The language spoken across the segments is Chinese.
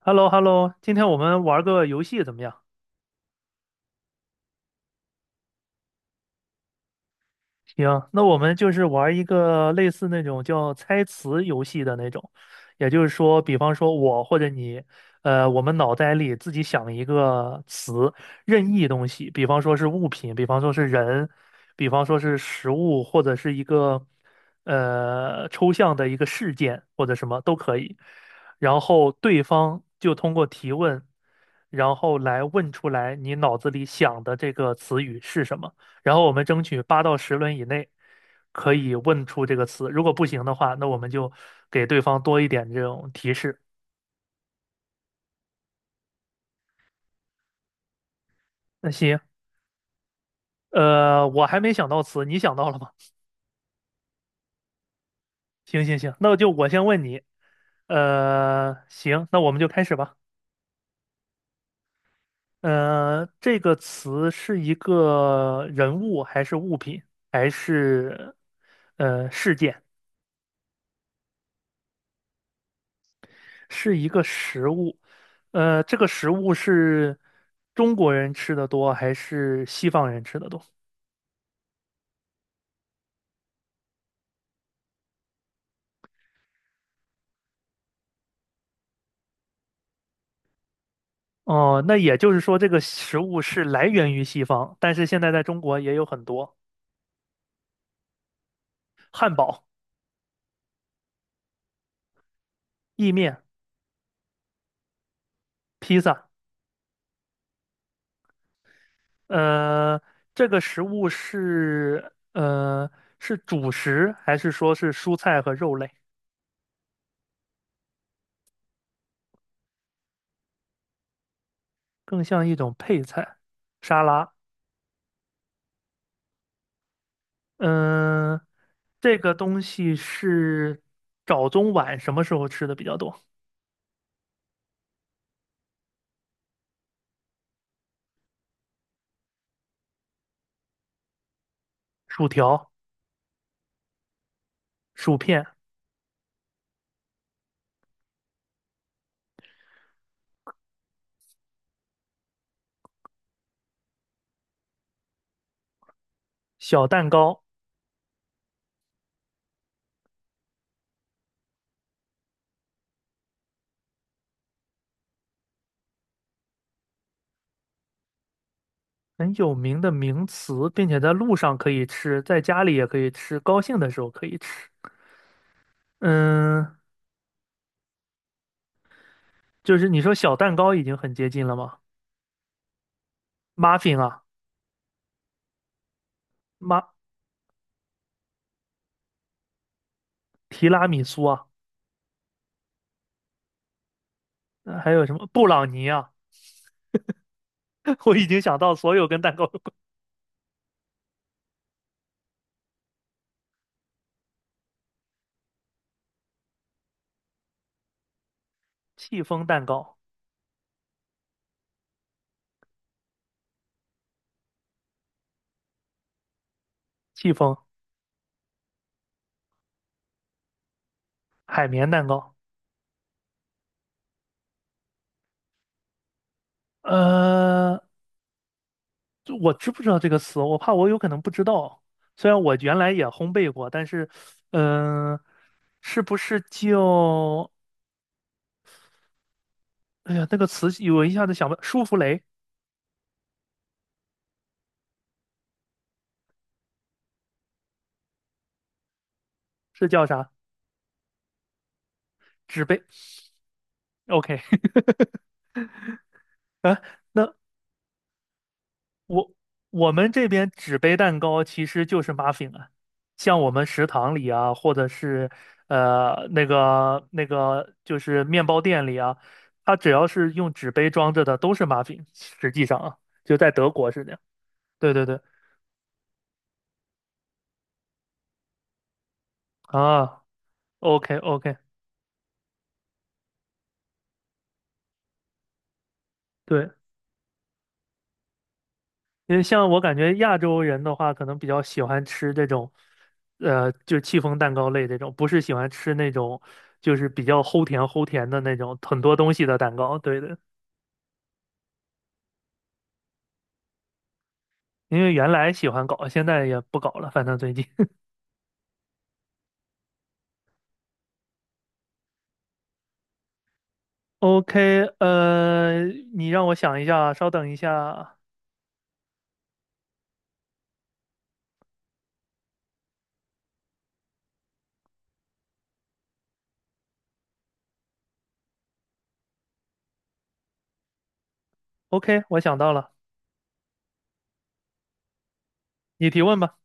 h e l l o h e l l o 今天我们玩个游戏怎么样？行，那我们就是玩一个类似那种叫猜词游戏的那种，也就是说，比方说我或者你，我们脑袋里自己想一个词，任意东西，比方说是物品，比方说是人，比方说是食物，或者是一个抽象的一个事件或者什么都可以。然后对方就通过提问，然后来问出来你脑子里想的这个词语是什么。然后我们争取8到10轮以内可以问出这个词，如果不行的话，那我们就给对方多一点这种提示。那行，我还没想到词，你想到了吗？行行行，那就我先问你，行，那我们就开始吧。这个词是一个人物还是物品还是事件？是一个食物，这个食物是中国人吃的多还是西方人吃的多？哦，那也就是说，这个食物是来源于西方，但是现在在中国也有很多汉堡、意面、披萨。呃，这个食物是主食，还是说是蔬菜和肉类？更像一种配菜、沙拉。嗯、这个东西是早中晚什么时候吃的比较多？薯条、薯片、小蛋糕，很有名的名词，并且在路上可以吃，在家里也可以吃，高兴的时候可以吃。嗯，就是你说小蛋糕已经很接近了吗？muffin 啊，马提拉米苏啊，还有什么布朗尼啊？我已经想到所有跟蛋糕有关，戚风蛋糕、戚风海绵蛋糕，呃，就我知不知道这个词？我怕我有可能不知道。虽然我原来也烘焙过，但是，嗯、是不是叫？哎呀，那个词我一下子想不，舒芙蕾是叫啥？纸杯？OK 啊，那我我们这边纸杯蛋糕其实就是 muffin 啊，像我们食堂里啊，或者是那个就是面包店里啊，它只要是用纸杯装着的都是 muffin，实际上啊，就在德国是这样。对对对。啊，OK OK，对，因为像我感觉亚洲人的话，可能比较喜欢吃这种，就戚风蛋糕类这种，不是喜欢吃那种就是比较齁甜齁甜的那种很多东西的蛋糕。对的，因为原来喜欢搞，现在也不搞了，反正最近。OK，你让我想一下，稍等一下。OK，我想到了，你提问吧。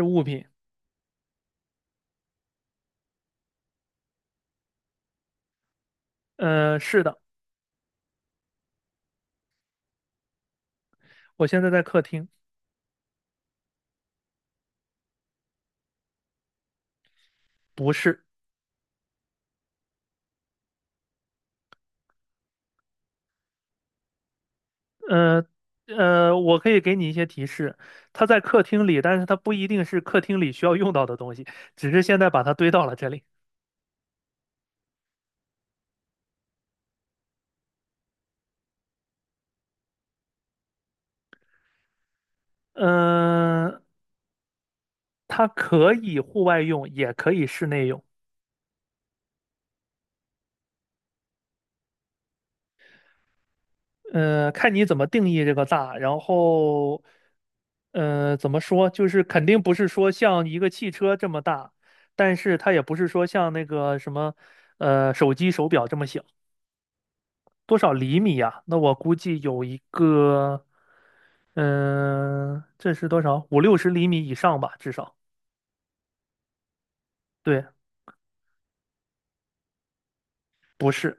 是物品，是的，我现在在客厅，不是。呃我可以给你一些提示，它在客厅里，但是它不一定是客厅里需要用到的东西，只是现在把它堆到了这里。嗯、呃它可以户外用，也可以室内用。看你怎么定义这个大，然后，怎么说，就是肯定不是说像一个汽车这么大，但是它也不是说像那个什么，手机手表这么小。多少厘米呀、那我估计有一个，这是多少？五六十厘米以上吧，至少。对，不是，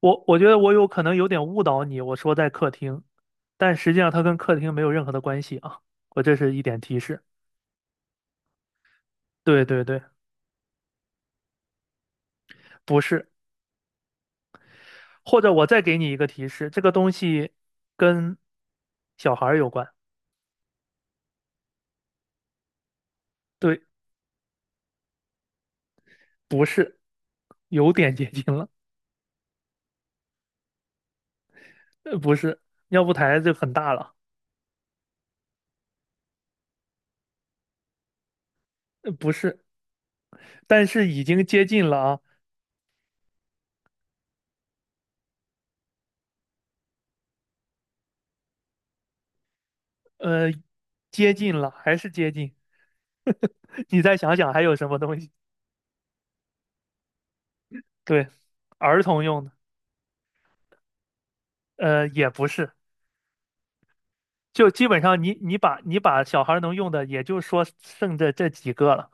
我觉得我有可能有点误导你，我说在客厅，但实际上它跟客厅没有任何的关系啊。我这是一点提示。对对对，不是。或者我再给你一个提示，这个东西跟小孩儿有关。对，不是，有点接近了，不是。尿布台就很大了，不是。但是已经接近了啊，呃，接近了，还是接近。你再想想还有什么东西？对，儿童用的，也不是，就基本上你把小孩能用的，也就说剩这这几个了。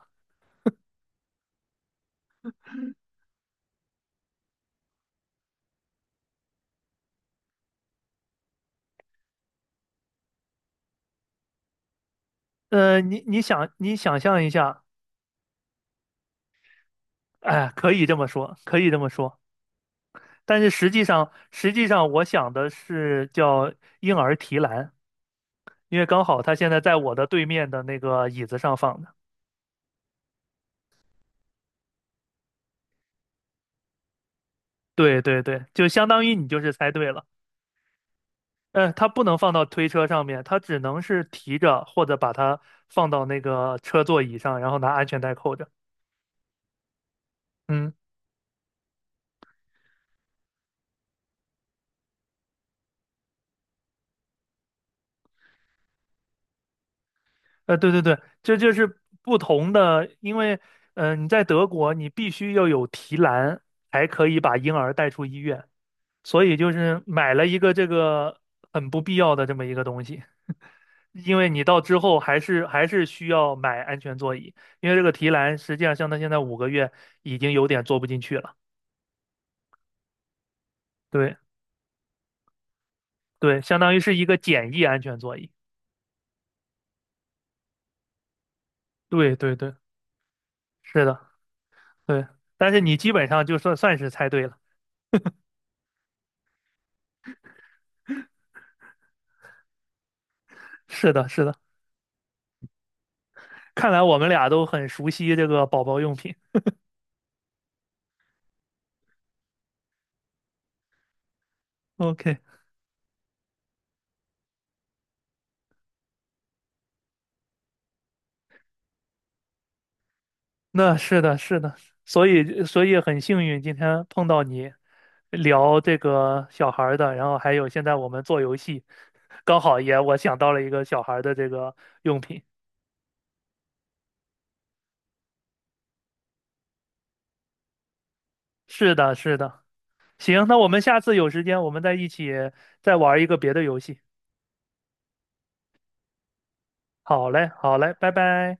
你想象一下，哎，可以这么说，可以这么说。但是实际上我想的是叫婴儿提篮，因为刚好他现在在我的对面的那个椅子上放的。对对对，就相当于你就是猜对了。它不能放到推车上面，它只能是提着或者把它放到那个车座椅上，然后拿安全带扣着。嗯，对对对，这就是不同的，因为你在德国，你必须要有提篮才可以把婴儿带出医院，所以就是买了一个这个很不必要的这么一个东西。因为你到之后还是需要买安全座椅，因为这个提篮实际上像它现在5个月已经有点坐不进去了。对对，相当于是一个简易安全座椅。对对对，是的，对。但是你基本上就算算是猜对了。是的，是的。看来我们俩都很熟悉这个宝宝用品。OK，那是的，是的，所以很幸运今天碰到你聊这个小孩儿的，然后还有现在我们做游戏，刚好也我想到了一个小孩儿的这个用品。是的，是的，行，那我们下次有时间我们再一起再玩一个别的游戏。好嘞，好嘞，拜拜。